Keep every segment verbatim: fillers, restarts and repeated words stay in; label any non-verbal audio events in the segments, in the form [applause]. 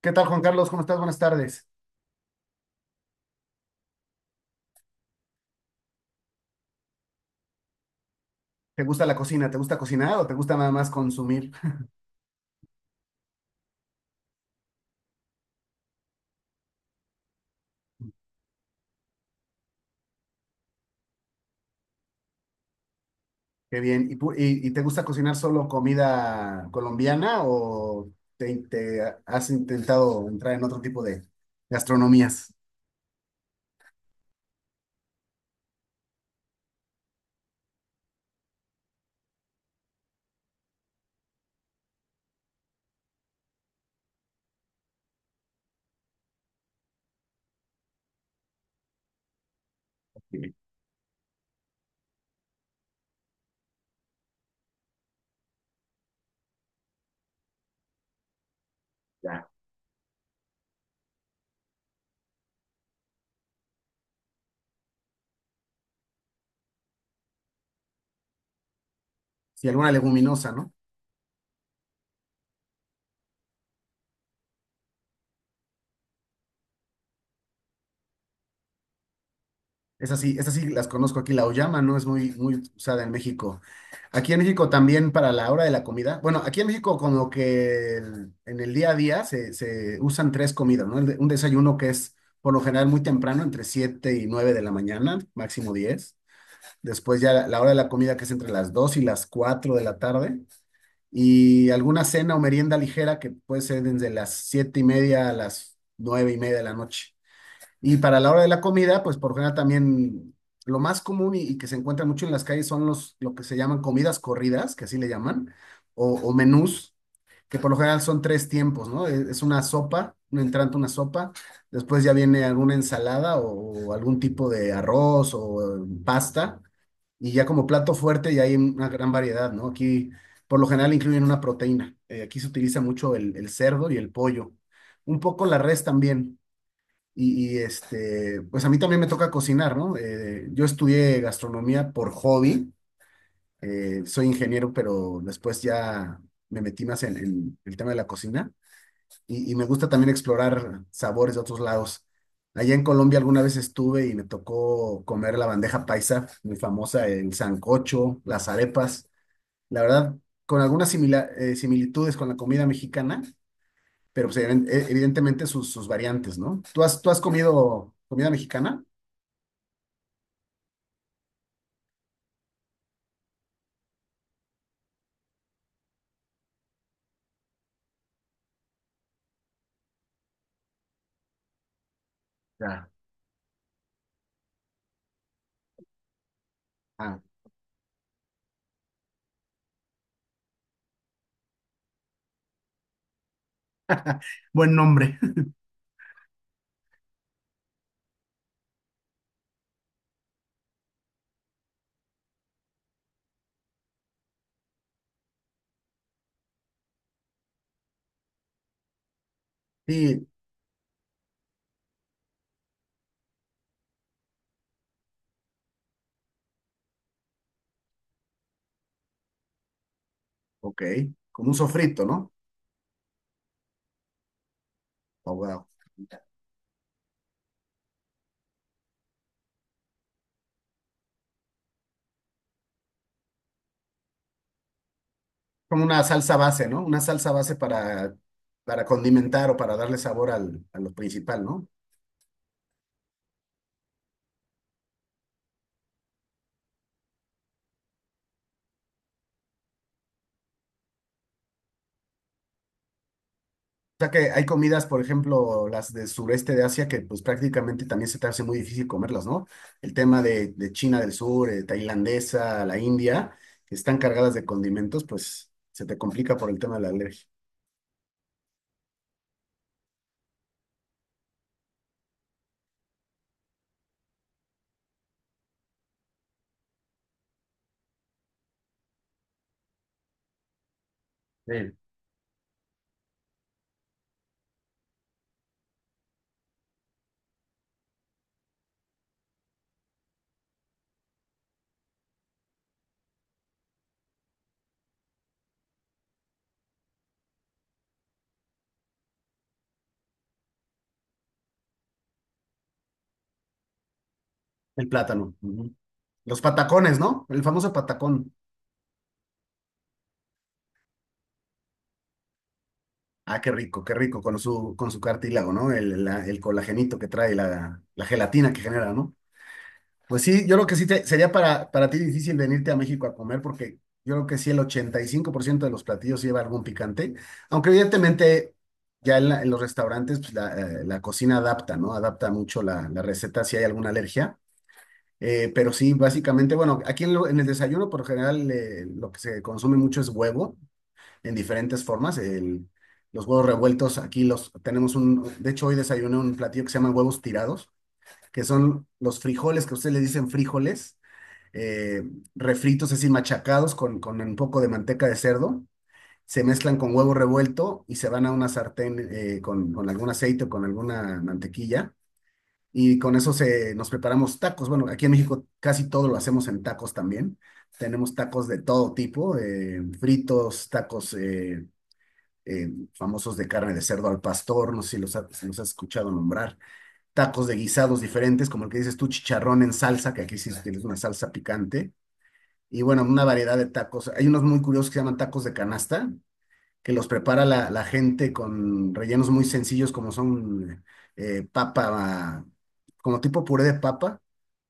¿Qué tal, Juan Carlos? ¿Cómo estás? Buenas tardes. ¿Te gusta la cocina? ¿Te gusta cocinar o te gusta nada más consumir? [laughs] Qué bien. ¿Y, pu- y- y te gusta cocinar solo comida colombiana o te, te has intentado entrar en otro tipo de gastronomías? Sí, ya. Si alguna leguminosa, ¿no? Esas sí, esas sí las conozco aquí, la auyama, ¿no? Es muy, muy usada en México. Aquí en México también para la hora de la comida. Bueno, aquí en México como que el- en el día a día se, se usan tres comidas, ¿no? El de- Un desayuno que es por lo general muy temprano, entre siete y nueve de la mañana, máximo diez. Después ya la, la hora de la comida que es entre las dos y las cuatro de la tarde. Y alguna cena o merienda ligera que puede ser desde las siete y media a las nueve y media de la noche. Y para la hora de la comida, pues por general también lo más común y, y que se encuentra mucho en las calles son los, lo que se llaman comidas corridas, que así le llaman, o, o menús, que por lo general son tres tiempos, ¿no? Es, es una sopa, un entrante, una sopa, después ya viene alguna ensalada o, o algún tipo de arroz o eh, pasta, y ya como plato fuerte ya hay una gran variedad, ¿no? Aquí por lo general incluyen una proteína. Eh, aquí se utiliza mucho el, el cerdo y el pollo, un poco la res también y, y, este, pues a mí también me toca cocinar, ¿no? Eh, yo estudié gastronomía por hobby, eh, soy ingeniero, pero después ya me metí más en, en el tema de la cocina y, y me gusta también explorar sabores de otros lados. Allá en Colombia alguna vez estuve y me tocó comer la bandeja paisa, muy famosa, el sancocho, las arepas, la verdad, con algunas simila- eh, similitudes con la comida mexicana, pero pues, evident- evidentemente sus, sus variantes, ¿no? ¿Tú has, tú has comido comida mexicana? Ya. Ah, buen nombre. [laughs] Sí, ok. Como un sofrito, ¿no? Ahogado. Como una salsa base, ¿no? Una salsa base para, para condimentar o para darle sabor al, a lo principal, ¿no? O sea que hay comidas, por ejemplo, las del sureste de Asia, que pues prácticamente también se te hace muy difícil comerlas, ¿no? El tema de, de China del Sur, eh, tailandesa, la India, que están cargadas de condimentos, pues se te complica por el tema de la alergia. Sí. El plátano. Ujú. Los patacones, ¿no? El famoso patacón. Ah, qué rico, qué rico con su, con su cartílago, ¿no? El, la- el colagenito que trae, la, la gelatina que genera, ¿no? Pues sí, yo creo que sí te- sería para, para ti difícil venirte a México a comer porque yo creo que sí el ochenta y cinco por ciento de los platillos lleva algún picante, aunque evidentemente ya en, la- en los restaurantes pues, la, eh, la cocina adapta, ¿no? Adapta mucho la, la receta si hay alguna alergia. Eh, pero sí, básicamente, bueno, aquí en, lo- en el desayuno por general eh, lo que se consume mucho es huevo en diferentes formas. El- los huevos revueltos, aquí los tenemos un, de hecho hoy desayuné un platillo que se llama huevos tirados, que son los frijoles que ustedes le dicen frijoles, eh, refritos, es decir, machacados con, con un poco de manteca de cerdo, se mezclan con huevo revuelto y se van a una sartén eh, con, con algún aceite o con alguna mantequilla. Y con eso se, nos preparamos tacos. Bueno, aquí en México casi todo lo hacemos en tacos también. Tenemos tacos de todo tipo, eh, fritos, tacos, eh, eh, famosos de carne de cerdo al pastor, no sé si los, ha- si los has escuchado nombrar, tacos de guisados diferentes, como el que dices tú, chicharrón en salsa, que aquí sí tienes una salsa picante, y bueno, una variedad de tacos. Hay unos muy curiosos que se llaman tacos de canasta, que los prepara la, la gente con rellenos muy sencillos como son eh, papa, como tipo puré de papa,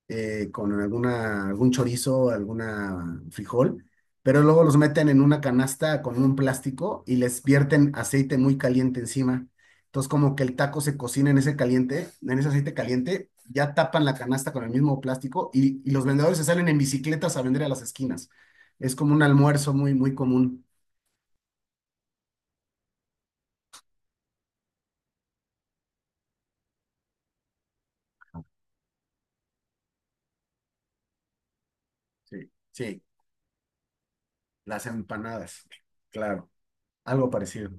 eh, con alguna, algún chorizo, alguna frijol, pero luego los meten en una canasta con un plástico y les vierten aceite muy caliente encima. Entonces como que el taco se cocina en ese caliente, en ese aceite caliente, ya tapan la canasta con el mismo plástico y, y los vendedores se salen en bicicletas a vender a las esquinas. Es como un almuerzo muy, muy común. Sí, sí. Las empanadas, claro, algo parecido.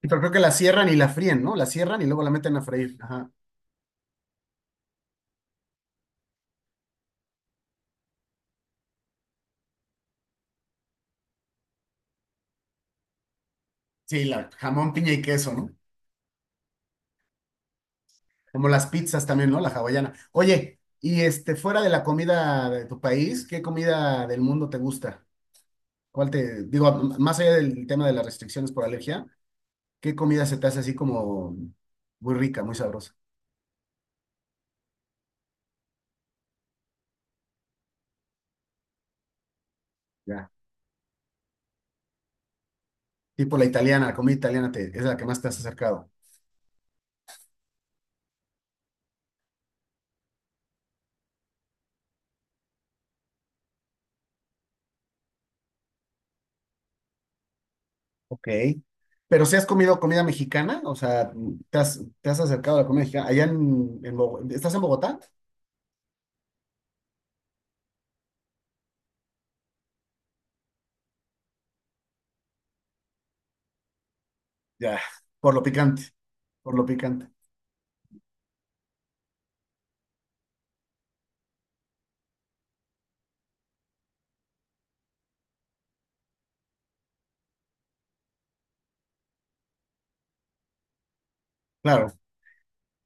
Pero creo que la cierran y la fríen, ¿no? La cierran y luego la meten a freír. Ajá. Sí, la jamón, piña y queso, ¿no? Como las pizzas también, ¿no? La hawaiana. Oye, y este, fuera de la comida de tu país, ¿qué comida del mundo te gusta? ¿Cuál te, digo, m- más allá del tema de las restricciones por alergia, ¿qué comida se te hace así como muy rica, muy sabrosa? Ya. Tipo la italiana, la comida italiana te, es la que más te has acercado. Ok. Pero si has comido comida mexicana, o sea, te has, te has acercado a la comida mexicana. Allá en, en Bogotá, ¿estás en Bogotá? Ya, por lo picante, por lo picante. Claro,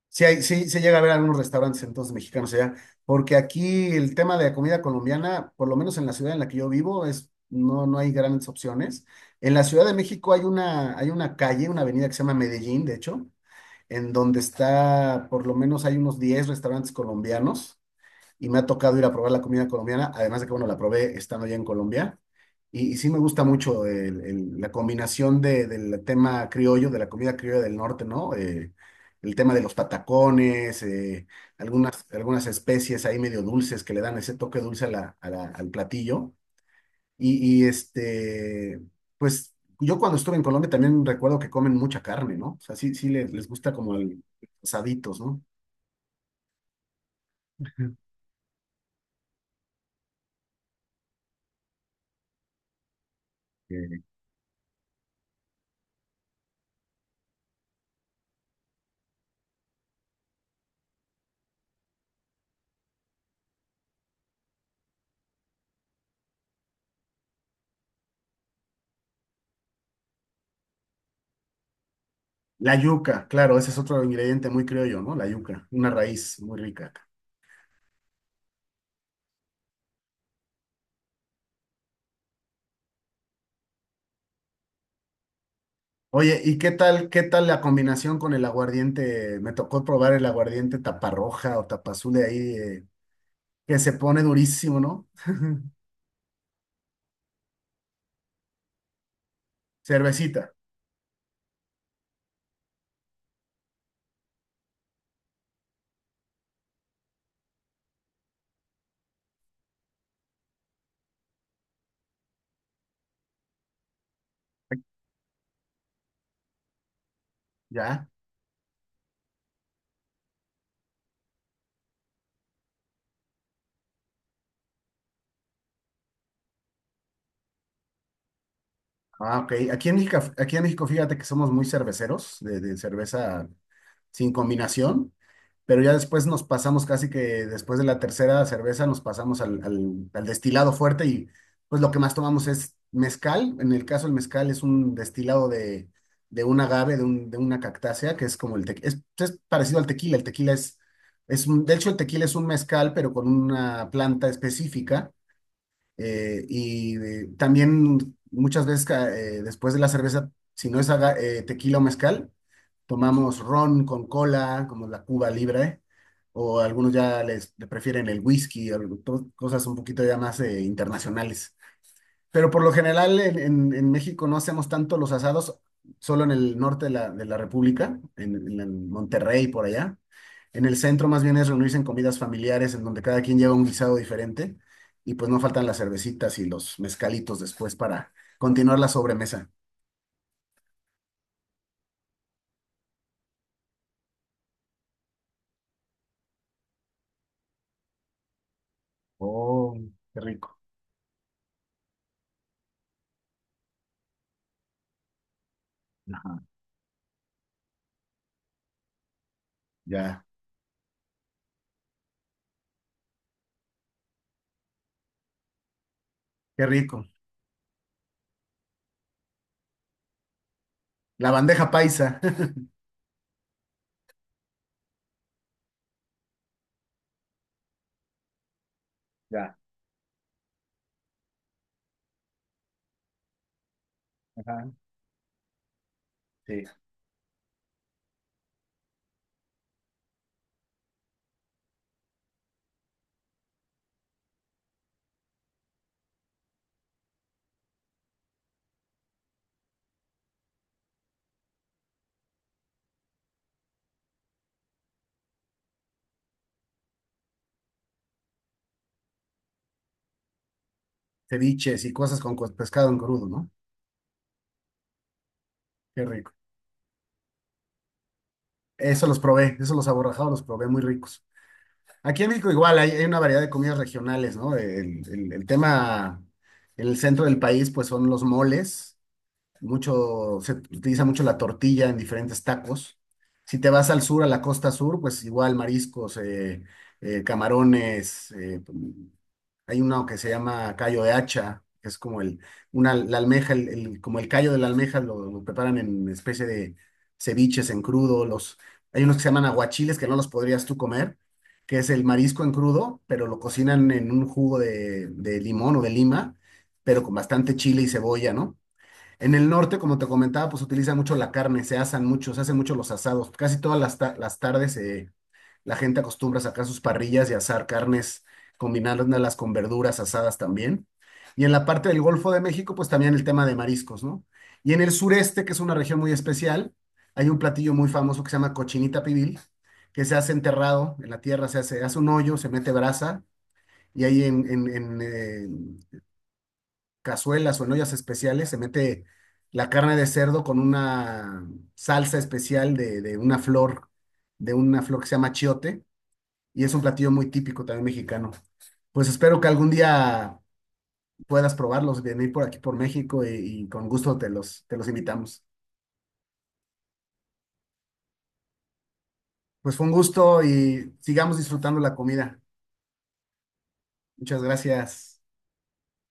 sí, hay, sí, se llega a ver algunos restaurantes entonces mexicanos allá, porque aquí el tema de la comida colombiana, por lo menos en la ciudad en la que yo vivo, es, no, no hay grandes opciones. En la Ciudad de México hay una, hay una calle, una avenida que se llama Medellín, de hecho, en donde está, por lo menos hay unos diez restaurantes colombianos y me ha tocado ir a probar la comida colombiana, además de que, bueno, la probé estando ya en Colombia. Y, y sí me gusta mucho el- el- la combinación de- del tema criollo, de la comida criolla del norte, ¿no? Eh, el tema de los patacones, eh, algunas, algunas especies ahí medio dulces que le dan ese toque dulce a la- a la- al platillo. Y, y este, pues yo cuando estuve en Colombia también recuerdo que comen mucha carne, ¿no? O sea, sí, sí les, les gusta como el, asaditos, ¿no? La yuca, claro, ese es otro ingrediente muy criollo, ¿no? La yuca, una raíz muy rica acá. Oye, ¿y qué tal, qué tal la combinación con el aguardiente? Me tocó probar el aguardiente taparroja o tapazul de ahí, eh, que se pone durísimo, ¿no? Cervecita, ¿ya? Ah, ok. Aquí en México, aquí en México, fíjate que somos muy cerveceros, de, de cerveza sin combinación. Pero ya después nos pasamos casi que después de la tercera cerveza nos pasamos al, al- al destilado fuerte y pues lo que más tomamos es mezcal. En el caso el mezcal es un destilado de, de un agave, de, un- de una cactácea, que es como el tequila, es, es parecido al tequila, el tequila es, es un- de hecho el tequila es un mezcal, pero con una planta específica eh, y eh, también muchas veces ca- eh, después de la cerveza, si no es aga- eh, tequila o mezcal, tomamos ron con cola, como la Cuba Libre, o algunos ya les, le prefieren el whisky, o algo- to- cosas un poquito ya más eh, internacionales. Pero por lo general en, en- en México no hacemos tanto los asados, solo en el norte de la, de la República, en, en en Monterrey, por allá. En el centro más bien es reunirse en comidas familiares en donde cada quien lleva un guisado diferente y pues no faltan las cervecitas y los mezcalitos después para continuar la sobremesa. Oh, qué rico. Ajá. Ya, qué rico. La bandeja paisa. [laughs] Ya, ajá, sí. Ceviches y cosas con cos- pescado en crudo, ¿no? Qué rico. Eso los probé, eso los aborrajados los probé muy ricos. Aquí en México igual hay, hay una variedad de comidas regionales, ¿no? El, el- el tema en el centro del país, pues son los moles. Mucho, se utiliza mucho la tortilla en diferentes tacos. Si te vas al sur, a la costa sur, pues igual mariscos, eh, eh, camarones, eh, hay uno que se llama callo de hacha, que es como el, una, la almeja, el, el- como el callo de la almeja lo, lo preparan en especie de ceviches en crudo. Los, hay unos que se llaman aguachiles que no los podrías tú comer, que es el marisco en crudo, pero lo cocinan en un jugo de, de limón o de lima, pero con bastante chile y cebolla, ¿no? En el norte, como te comentaba, pues utilizan mucho la carne, se asan mucho, se hacen mucho los asados. Casi todas las, ta- las tardes eh, la gente acostumbra a sacar sus parrillas y asar carnes, combinándolas con verduras asadas también. Y en la parte del Golfo de México, pues también el tema de mariscos, ¿no? Y en el sureste, que es una región muy especial, hay un platillo muy famoso que se llama cochinita pibil, que se hace enterrado en la tierra, se hace, hace un hoyo, se mete brasa y ahí en, en, en, eh, cazuelas o en ollas especiales, se mete la carne de cerdo con una salsa especial de, de una flor, de una flor que se llama chiote, y es un platillo muy típico también mexicano. Pues espero que algún día puedas probarlos, venir por aquí por México y, y con gusto te los, te los invitamos. Pues fue un gusto y sigamos disfrutando la comida. Muchas gracias.